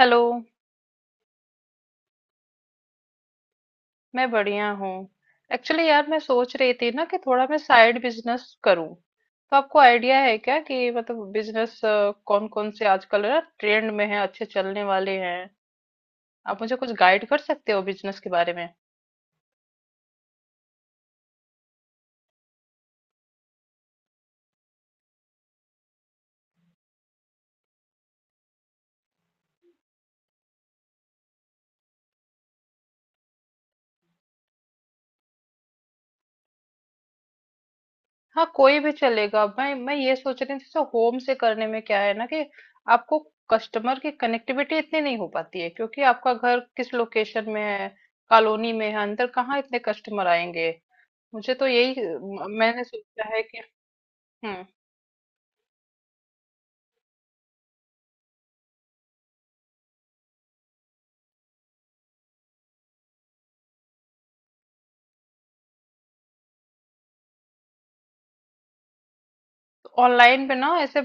Hello. मैं बढ़िया हूँ। एक्चुअली यार मैं सोच रही थी ना कि थोड़ा मैं साइड बिजनेस करूँ। तो आपको आइडिया है क्या कि मतलब बिजनेस कौन कौन से आजकल ना ट्रेंड में है, अच्छे चलने वाले हैं? आप मुझे कुछ गाइड कर सकते हो बिजनेस के बारे में? हाँ, कोई भी चलेगा। मैं ये सोच रही थी जैसे होम से करने में क्या है ना कि आपको कस्टमर की कनेक्टिविटी इतनी नहीं हो पाती है, क्योंकि आपका घर किस लोकेशन में है, कॉलोनी में है अंदर, कहाँ इतने कस्टमर आएंगे। मुझे तो यही मैंने सोचा है कि। हम्म। तो ऑनलाइन पे ना ऐसे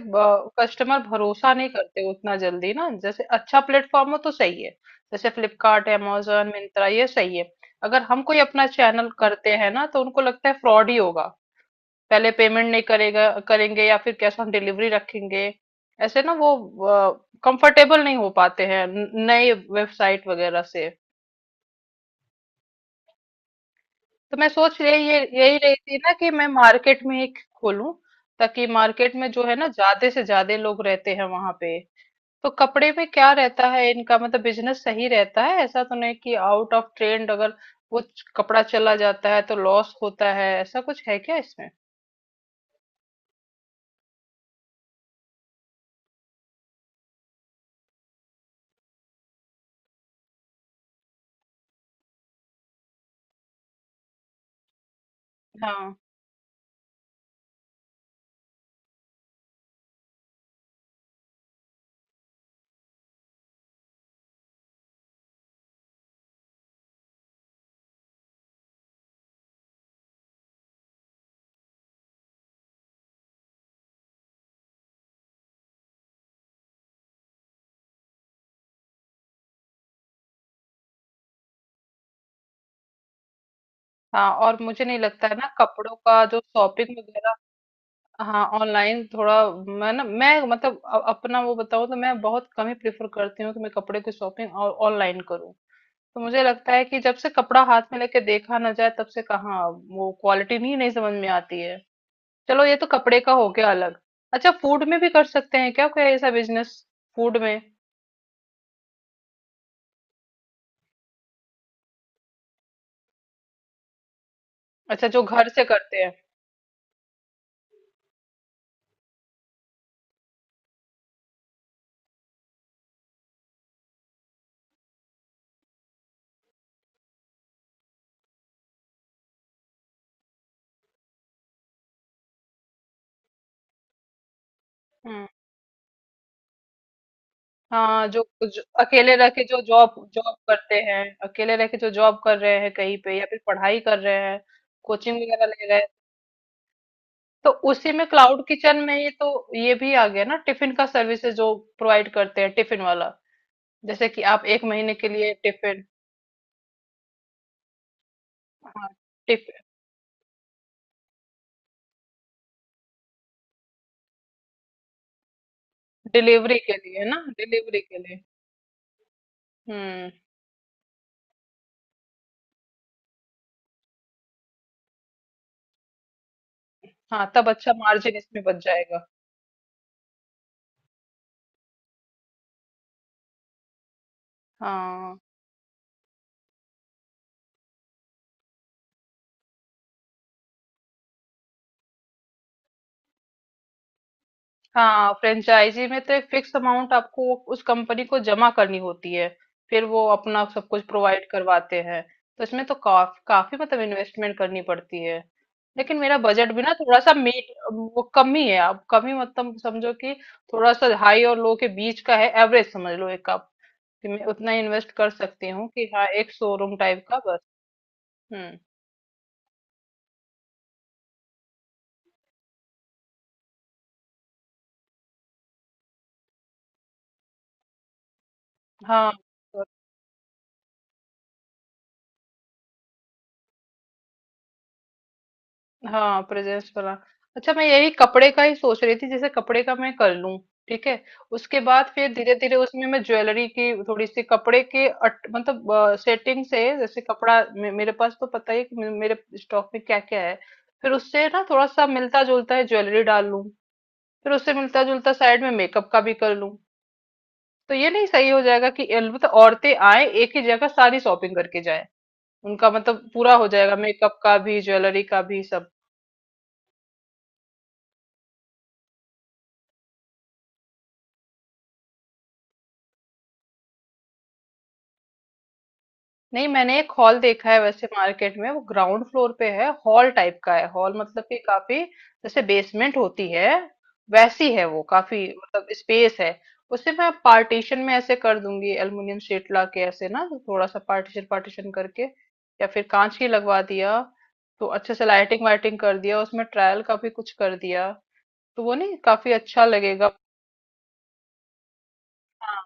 कस्टमर भरोसा नहीं करते उतना जल्दी ना, जैसे अच्छा प्लेटफॉर्म हो तो सही है। जैसे फ्लिपकार्ट amazon मिंत्रा ये सही है। अगर हम कोई अपना चैनल करते हैं ना तो उनको लगता है फ्रॉड ही होगा, पहले पेमेंट नहीं करेगा करेंगे या फिर कैश ऑन डिलीवरी रखेंगे, ऐसे ना। वो कंफर्टेबल नहीं हो पाते हैं नए वेबसाइट वगैरह से। तो मैं सोच रही ये यही रही थी ना कि मैं मार्केट में ही खोलूं, ताकि मार्केट में जो है ना ज्यादा से ज्यादा लोग रहते हैं वहां पे। तो कपड़े में क्या रहता है इनका, मतलब बिजनेस सही रहता है? ऐसा तो नहीं कि आउट ऑफ ट्रेंड अगर वो कपड़ा चला जाता है तो लॉस होता है, ऐसा कुछ है क्या इसमें? हाँ। हाँ, और मुझे नहीं लगता है ना कपड़ों का जो शॉपिंग वगैरह। हाँ ऑनलाइन थोड़ा। मैं ना मैं मतलब अपना वो बताऊँ तो मैं बहुत कम ही प्रेफर करती हूँ कि मैं कपड़े की शॉपिंग ऑनलाइन करूँ। तो मुझे लगता है कि जब से कपड़ा हाथ में लेके देखा ना जाए तब से कहाँ वो क्वालिटी नहीं नहीं समझ में आती है। चलो ये तो कपड़े का हो गया अलग। अच्छा, फूड में भी कर सकते हैं क्या कोई ऐसा बिजनेस, फूड में? अच्छा, जो घर से करते हैं। हम्म। हाँ, जो अकेले रह के जो जॉब जॉब करते हैं, अकेले रह के जो जॉब कर रहे हैं कहीं पे, या फिर पढ़ाई कर रहे हैं, कोचिंग वगैरह ले रहे हैं। तो उसी में क्लाउड किचन में ये तो ये भी आ गया ना, टिफिन का सर्विसेज जो प्रोवाइड करते हैं, टिफिन वाला। जैसे कि आप एक महीने के लिए टिफिन। हाँ टिफिन। डिलीवरी के लिए ना, डिलीवरी के लिए। हम्म। हाँ तब अच्छा मार्जिन इसमें बच जाएगा। हाँ। हाँ, फ्रेंचाइजी में तो एक फिक्स अमाउंट आपको उस कंपनी को जमा करनी होती है, फिर वो अपना सब कुछ प्रोवाइड करवाते हैं। तो इसमें तो काफी मतलब इन्वेस्टमेंट करनी पड़ती है। लेकिन मेरा बजट भी ना थोड़ा सा मीट, वो कम ही है। आप कम ही मतलब समझो कि थोड़ा सा हाई और लो के बीच का है, एवरेज समझ लो एक। आप कि मैं उतना इन्वेस्ट कर सकती हूँ कि हाँ एक शोरूम टाइप का बस। हम्म। हाँ तो हाँ प्रेजेंस वाला। अच्छा, मैं यही कपड़े का ही सोच रही थी, जैसे कपड़े का मैं कर लूं, ठीक है, उसके बाद फिर धीरे धीरे उसमें मैं ज्वेलरी की थोड़ी सी कपड़े के मतलब सेटिंग से, जैसे कपड़ा मेरे पास तो पता ही है कि मेरे स्टॉक में क्या क्या है। फिर उससे ना थोड़ा सा मिलता जुलता है ज्वेलरी डाल लूं। फिर उससे मिलता जुलता साइड में मेकअप का भी कर लूं। तो ये नहीं सही हो जाएगा कि मतलब औरतें आए एक ही जगह सारी शॉपिंग करके जाए, उनका मतलब पूरा हो जाएगा, मेकअप का भी ज्वेलरी का भी। नहीं, मैंने एक हॉल देखा है वैसे मार्केट में, वो ग्राउंड फ्लोर पे है, हॉल टाइप का है, हॉल मतलब कि काफी, जैसे बेसमेंट होती है वैसी है, वो काफी मतलब स्पेस है। उसे मैं पार्टीशन में ऐसे कर दूंगी एल्युमिनियम शीट ला के, ऐसे ना थोड़ा सा पार्टीशन पार्टीशन करके, या फिर कांच की लगवा दिया, तो अच्छे से लाइटिंग वाइटिंग कर दिया, उसमें ट्रायल का भी कुछ कर दिया तो वो नहीं काफी अच्छा लगेगा। हाँ।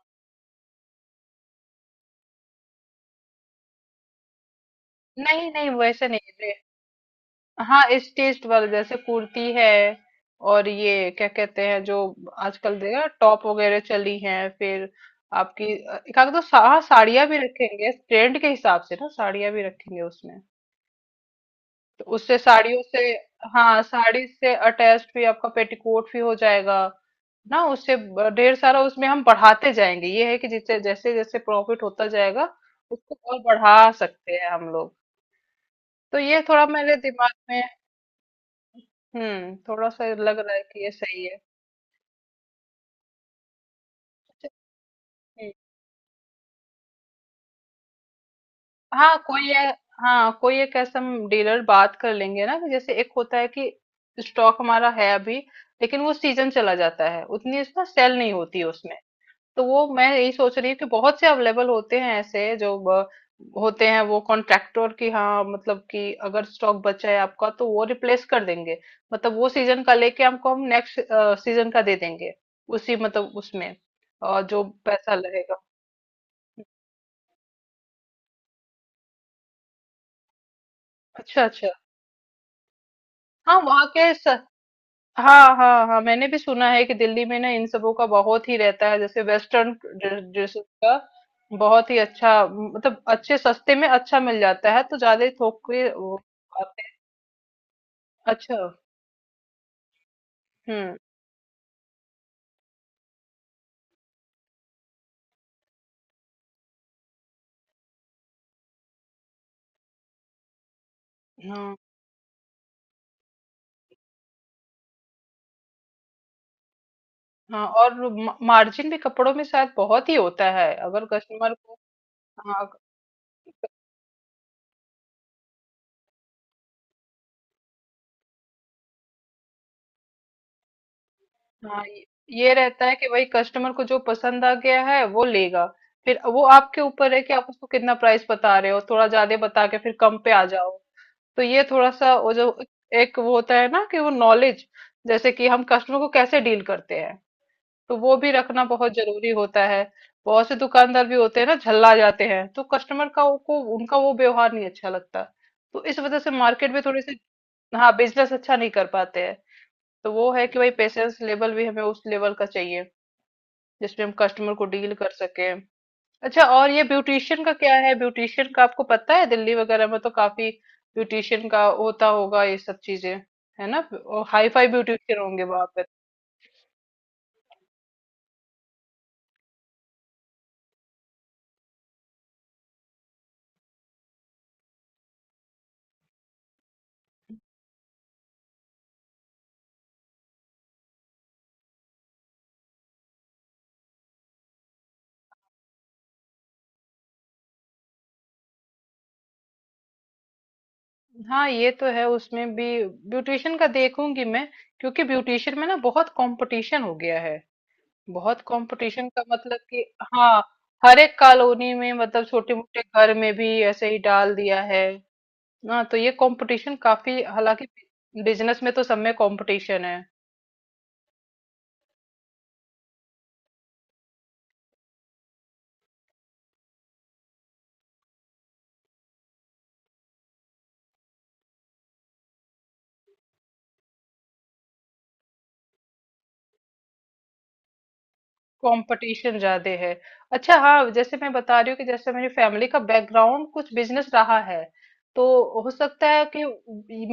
नहीं नहीं वैसे नहीं। हाँ स्टिच्ड वाले, जैसे कुर्ती है, और ये क्या कहते हैं जो आजकल देखा, टॉप वगैरह चली हैं, फिर आपकी एक आध तो हाँ, साड़ियाँ भी रखेंगे, ट्रेंड के हिसाब से ना साड़ियाँ भी रखेंगे उसमें। तो उससे साड़ियों से, हाँ साड़ी से अटैच भी आपका पेटीकोट भी हो जाएगा ना, उससे ढेर सारा उसमें हम बढ़ाते जाएंगे, ये है कि जिससे जैसे जैसे प्रॉफिट होता जाएगा उसको और बढ़ा सकते हैं हम लोग। तो ये थोड़ा मेरे दिमाग में। हम्म। थोड़ा सा लग रहा है कि ये सही है। अच्छा, हम्म, हाँ कोई है। हाँ कोई एक ऐसा हम डीलर बात कर लेंगे ना, कि जैसे एक होता है कि स्टॉक हमारा है अभी, लेकिन वो सीजन चला जाता है, उतनी इसमें सेल नहीं होती है उसमें। तो वो मैं यही सोच रही हूँ कि बहुत से अवेलेबल होते हैं ऐसे जो होते हैं, वो कॉन्ट्रैक्टर की, हाँ, मतलब कि अगर स्टॉक बचा है आपका तो वो रिप्लेस कर देंगे, मतलब वो सीजन का लेके हमको हम नेक्स्ट सीजन का दे देंगे, उसी मतलब उसमें, और जो पैसा लगेगा। अच्छा अच्छा। हाँ वहाँ के हाँ हाँ हाँ, मैंने भी सुना है कि दिल्ली में ना इन सबों का बहुत ही रहता है, जैसे वेस्टर्न ड्रेसेस का बहुत ही अच्छा, मतलब अच्छे सस्ते में अच्छा मिल जाता है तो ज्यादा थोक के वो। अच्छा, हुँ, हाँ, हाँ, और मा मार्जिन भी कपड़ों में शायद बहुत ही होता है, अगर कस्टमर को। हाँ, हाँ, ये रहता है कि भाई कस्टमर को जो पसंद आ गया है वो लेगा, फिर वो आपके ऊपर है कि आप उसको कितना प्राइस बता रहे हो, थोड़ा ज़्यादा बता के फिर कम पे आ जाओ, तो ये थोड़ा-सा वो, जो एक वो होता है ना कि वो नॉलेज, जैसे कि हम कस्टमर को कैसे डील करते हैं। तो वो भी रखना बहुत जरूरी होता है। बहुत से दुकानदार भी होते हैं ना झल्ला जाते हैं, तो कस्टमर का को उनका वो व्यवहार नहीं अच्छा लगता, तो इस वजह से मार्केट में थोड़ी सी। हाँ बिजनेस अच्छा नहीं कर पाते हैं। तो वो है कि भाई पेशेंस लेवल भी हमें उस लेवल का चाहिए जिसमें हम कस्टमर को डील कर सके। अच्छा, और ये ब्यूटिशियन का क्या है? ब्यूटिशियन का आपको पता है दिल्ली वगैरह में तो काफी ब्यूटिशियन का होता होगा, ये सब चीजें, है ना, और हाई फाई ब्यूटिशियन होंगे वहां। हाँ ये तो है, उसमें भी ब्यूटिशियन का देखूंगी मैं, क्योंकि ब्यूटिशियन में ना बहुत कंपटीशन हो गया है, बहुत कंपटीशन, का मतलब कि हाँ हर एक कॉलोनी में मतलब छोटे मोटे घर में भी ऐसे ही डाल दिया है ना, तो ये कंपटीशन काफी, हालांकि बिजनेस में तो सब में कंपटीशन है। कंपटीशन ज्यादा है। अच्छा हाँ, जैसे मैं बता रही हूँ कि जैसे मेरी फैमिली का बैकग्राउंड कुछ बिजनेस रहा है, तो हो सकता है कि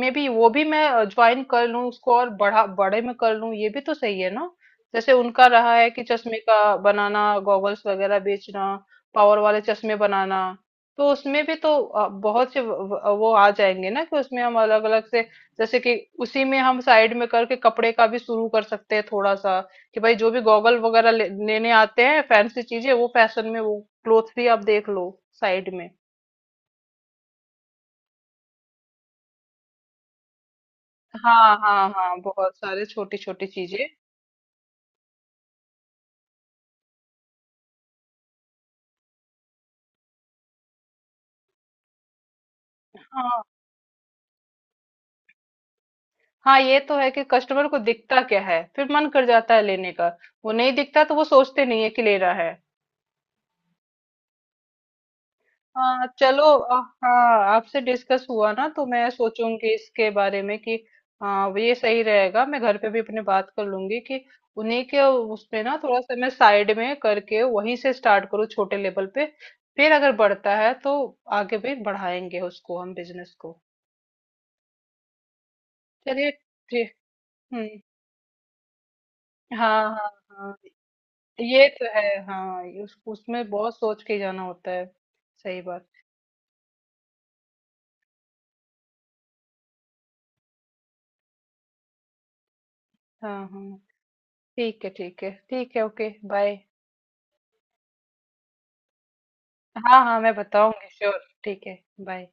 मे बी वो भी मैं ज्वाइन कर लूँ उसको और बड़ा बड़े में कर लूँ, ये भी तो सही है ना। जैसे उनका रहा है कि चश्मे का बनाना, गॉगल्स वगैरह बेचना, पावर वाले चश्मे बनाना, तो उसमें भी तो बहुत से वो आ जाएंगे ना कि उसमें हम अलग अलग से, जैसे कि उसी में हम साइड में करके कपड़े का भी शुरू कर सकते हैं थोड़ा सा, कि भाई जो भी गॉगल वगैरह लेने आते हैं फैंसी चीजें, वो फैशन में वो क्लोथ भी आप देख लो साइड में। हाँ हाँ हाँ, बहुत सारे छोटी छोटी चीजें। हाँ हाँ ये तो है कि कस्टमर को दिखता क्या है फिर मन कर जाता है लेने का, वो नहीं दिखता तो वो सोचते नहीं है कि लेना है। हाँ चलो हाँ आपसे डिस्कस हुआ ना तो मैं सोचूंगी इसके बारे में कि हाँ वो ये सही रहेगा। मैं घर पे भी अपने बात कर लूंगी कि उन्हीं के उसमें ना थोड़ा सा मैं साइड में करके वहीं से स्टार्ट करूँ छोटे लेवल पे, फिर अगर बढ़ता है तो आगे भी बढ़ाएंगे उसको, हम बिजनेस को। चलिए। ठीक। हम्म। हाँ हाँ। हाँ ये तो है। हाँ ये उसमें बहुत सोच के जाना होता है। सही बात। हाँ हाँ। ठीक है ठीक है ठीक है, ओके बाय। हाँ, हाँ, मैं बताऊँगी श्योर। ठीक है, बाय।